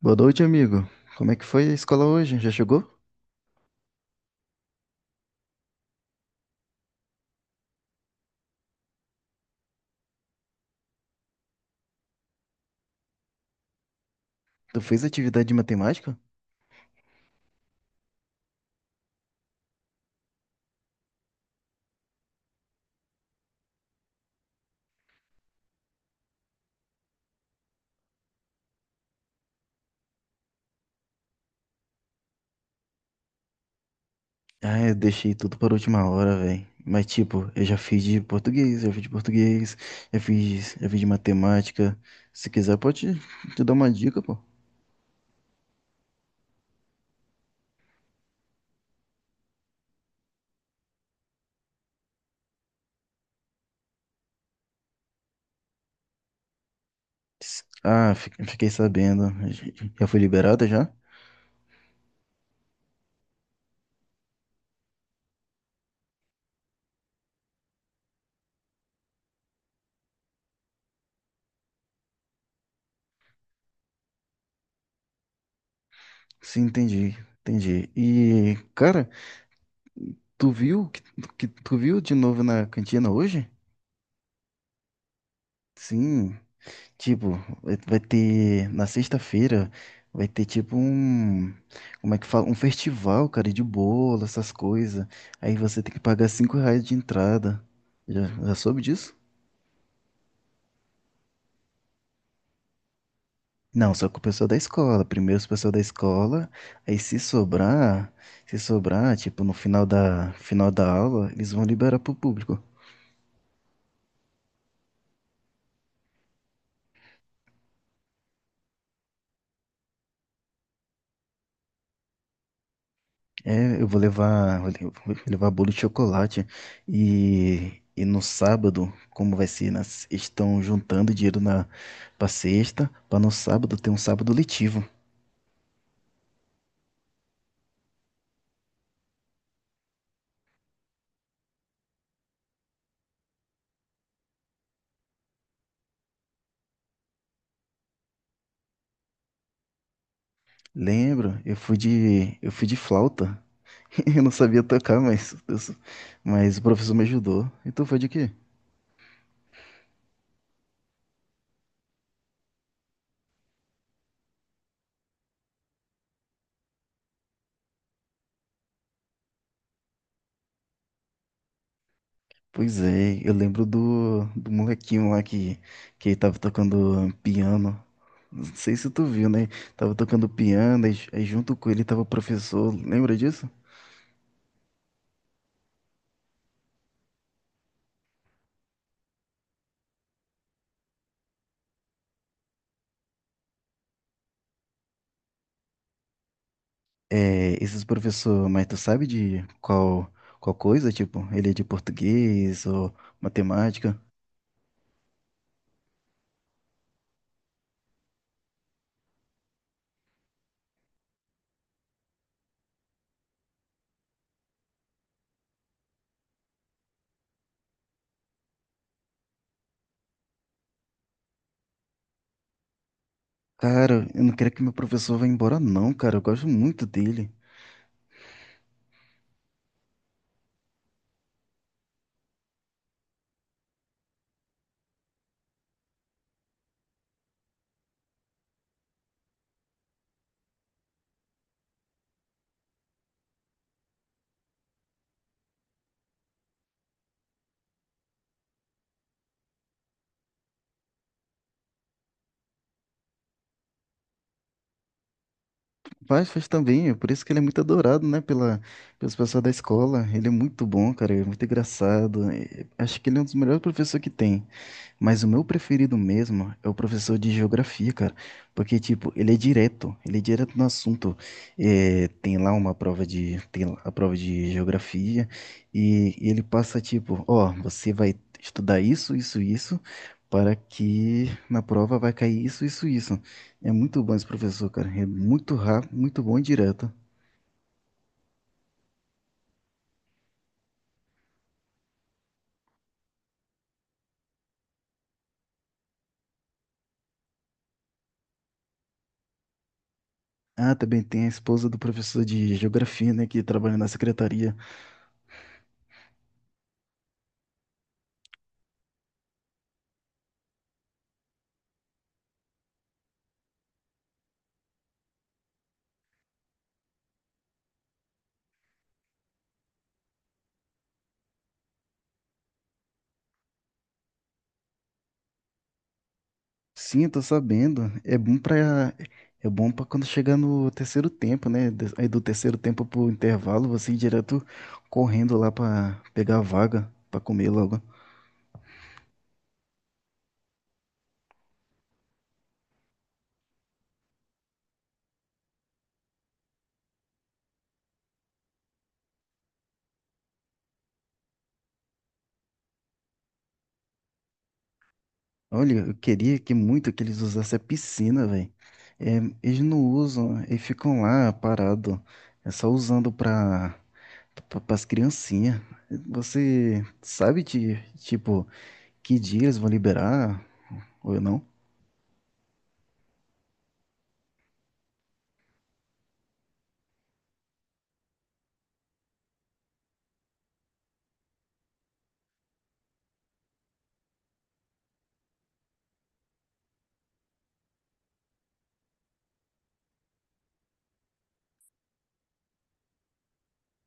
Boa noite, amigo. Como é que foi a escola hoje? Já chegou? Tu fez atividade de matemática? Ah, eu deixei tudo para a última hora, velho. Mas tipo, eu já fiz de português, já fiz de matemática. Se quiser, pode te dar uma dica, pô. Ah, fiquei sabendo. Já foi liberada já? Sim, entendi. E, cara, tu viu que, que tu viu de novo na cantina hoje? Sim. Tipo, vai ter na sexta-feira vai ter tipo um, como é que fala? Um festival, cara, de bolo, essas coisas. Aí você tem que pagar 5 reais de entrada. Já soube disso? Não, só com o pessoal da escola. Primeiro os pessoal da escola, aí se sobrar, tipo, no final da aula, eles vão liberar pro público. É, eu vou levar, vou levar bolo de chocolate e no sábado, como vai ser, na se- estão juntando dinheiro na para sexta, para no sábado ter um sábado letivo. Lembro, eu fui de flauta. Eu não sabia tocar, mas o professor me ajudou. Então foi de quê? Pois é, eu lembro do molequinho lá que tava tocando piano. Não sei se tu viu, né? Tava tocando piano, aí junto com ele tava o professor, lembra disso? É, esses professor, mas tu sabe de qual, qual coisa? Tipo, ele é de português ou matemática? Cara, eu não quero que meu professor vá embora, não, cara. Eu gosto muito dele. Faz, faz também, é por isso que ele é muito adorado, né? Pelas pessoas da escola. Ele é muito bom, cara. Ele é muito engraçado. Acho que ele é um dos melhores professores que tem. Mas o meu preferido mesmo é o professor de geografia, cara. Porque, tipo, ele é direto no assunto. É, tem lá a prova de geografia e, ele passa, tipo, ó, você vai estudar isso, isso, isso, para que na prova vai cair isso, isso, isso. É muito bom esse professor, cara. É muito rápido, muito bom e direto. Ah, também tem a esposa do professor de geografia, né, que trabalha na secretaria. Sim, eu tô sabendo. É bom pra é bom para quando chegar no terceiro tempo, né? Aí do terceiro tempo pro intervalo, você ir direto correndo lá pra pegar a vaga pra comer logo. Olha, eu queria que muito que eles usassem a piscina, velho. É, eles não usam, eles ficam lá parado. É só usando pra para as criancinhas. Você sabe de tipo que dia eles vão liberar ou não?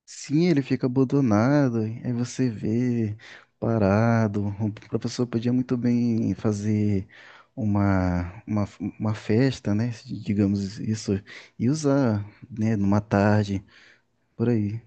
Sim, ele fica abandonado, aí você vê parado. O professor podia muito bem fazer uma, uma, uma festa, né? Digamos isso, e usar, né? Numa tarde, por aí.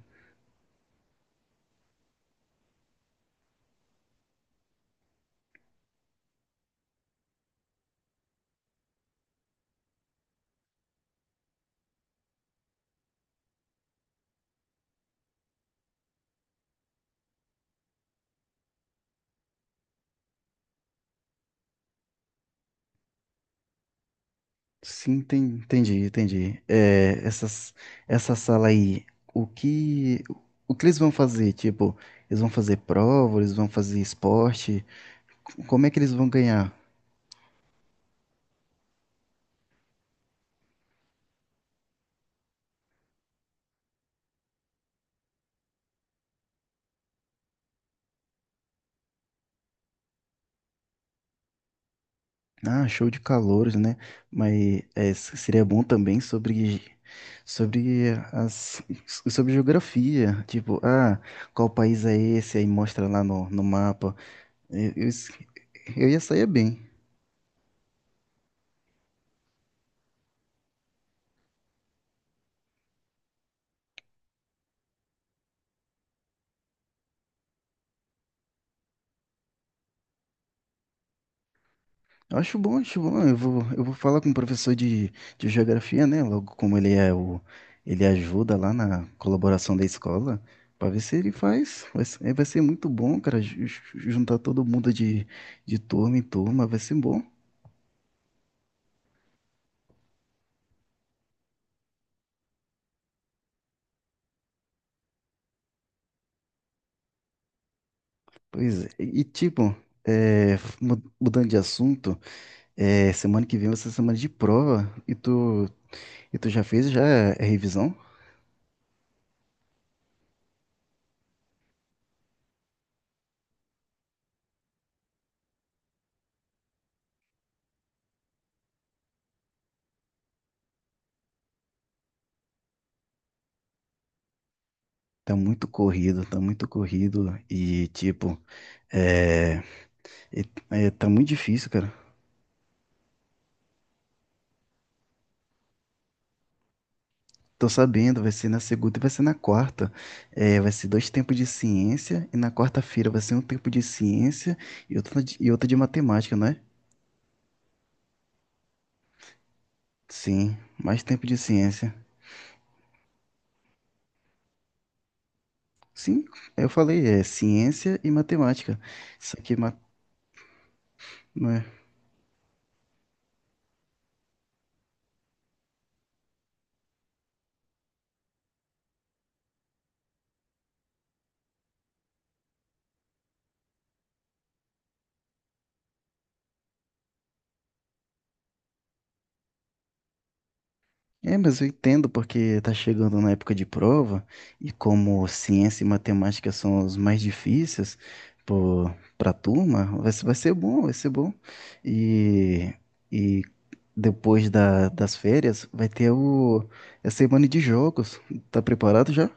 Sim, entendi, entendi. É, essa sala aí, o que, o que eles vão fazer? Tipo, eles vão fazer prova, eles vão fazer esporte? Como é que eles vão ganhar? Ah, show de calouros, né? Seria bom também sobre as, sobre geografia, tipo, ah, qual país é esse? Aí mostra lá no mapa. Eu, eu, s- eu ia sair bem. Eu acho bom, acho bom. Eu vou falar com o professor de geografia, né? Logo como ele ajuda lá na colaboração da escola, para ver se ele faz. Vai ser muito bom, cara, juntar todo mundo de turma em turma, vai ser bom. Pois é, e tipo, é, mudando de assunto, é, semana que vem vai ser semana de prova e tu já fez já a revisão? Tá muito corrido e tipo, é, e- é, tá muito difícil, cara. Tô sabendo, vai ser na segunda e vai ser na quarta. É, vai ser dois tempos de ciência e na quarta-feira vai ser um tempo de ciência e outra e outra de matemática, não é? Sim, mais tempo de ciência. Sim, eu falei, é ciência e matemática. Só que ma- ma- É, mas eu entendo porque tá chegando na época de prova e como ciência e matemática são os mais difíceis pro- pra turma, vai ser bom, vai ser bom. E, e depois das férias vai ter a semana de jogos. Tá preparado já?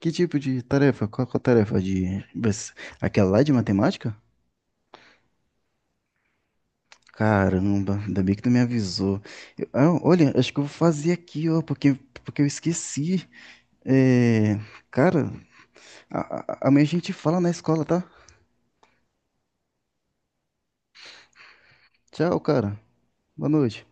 Que tipo de tarefa? Qual, qual a tarefa de, vai ser aquela lá de matemática? Caramba, ainda bem que tu me avisou. Ah, olha, acho que eu vou fazer aqui, ó, porque, porque eu esqueci. É, cara, amanhã a gente fala na escola, tá? Tchau, cara. Boa noite.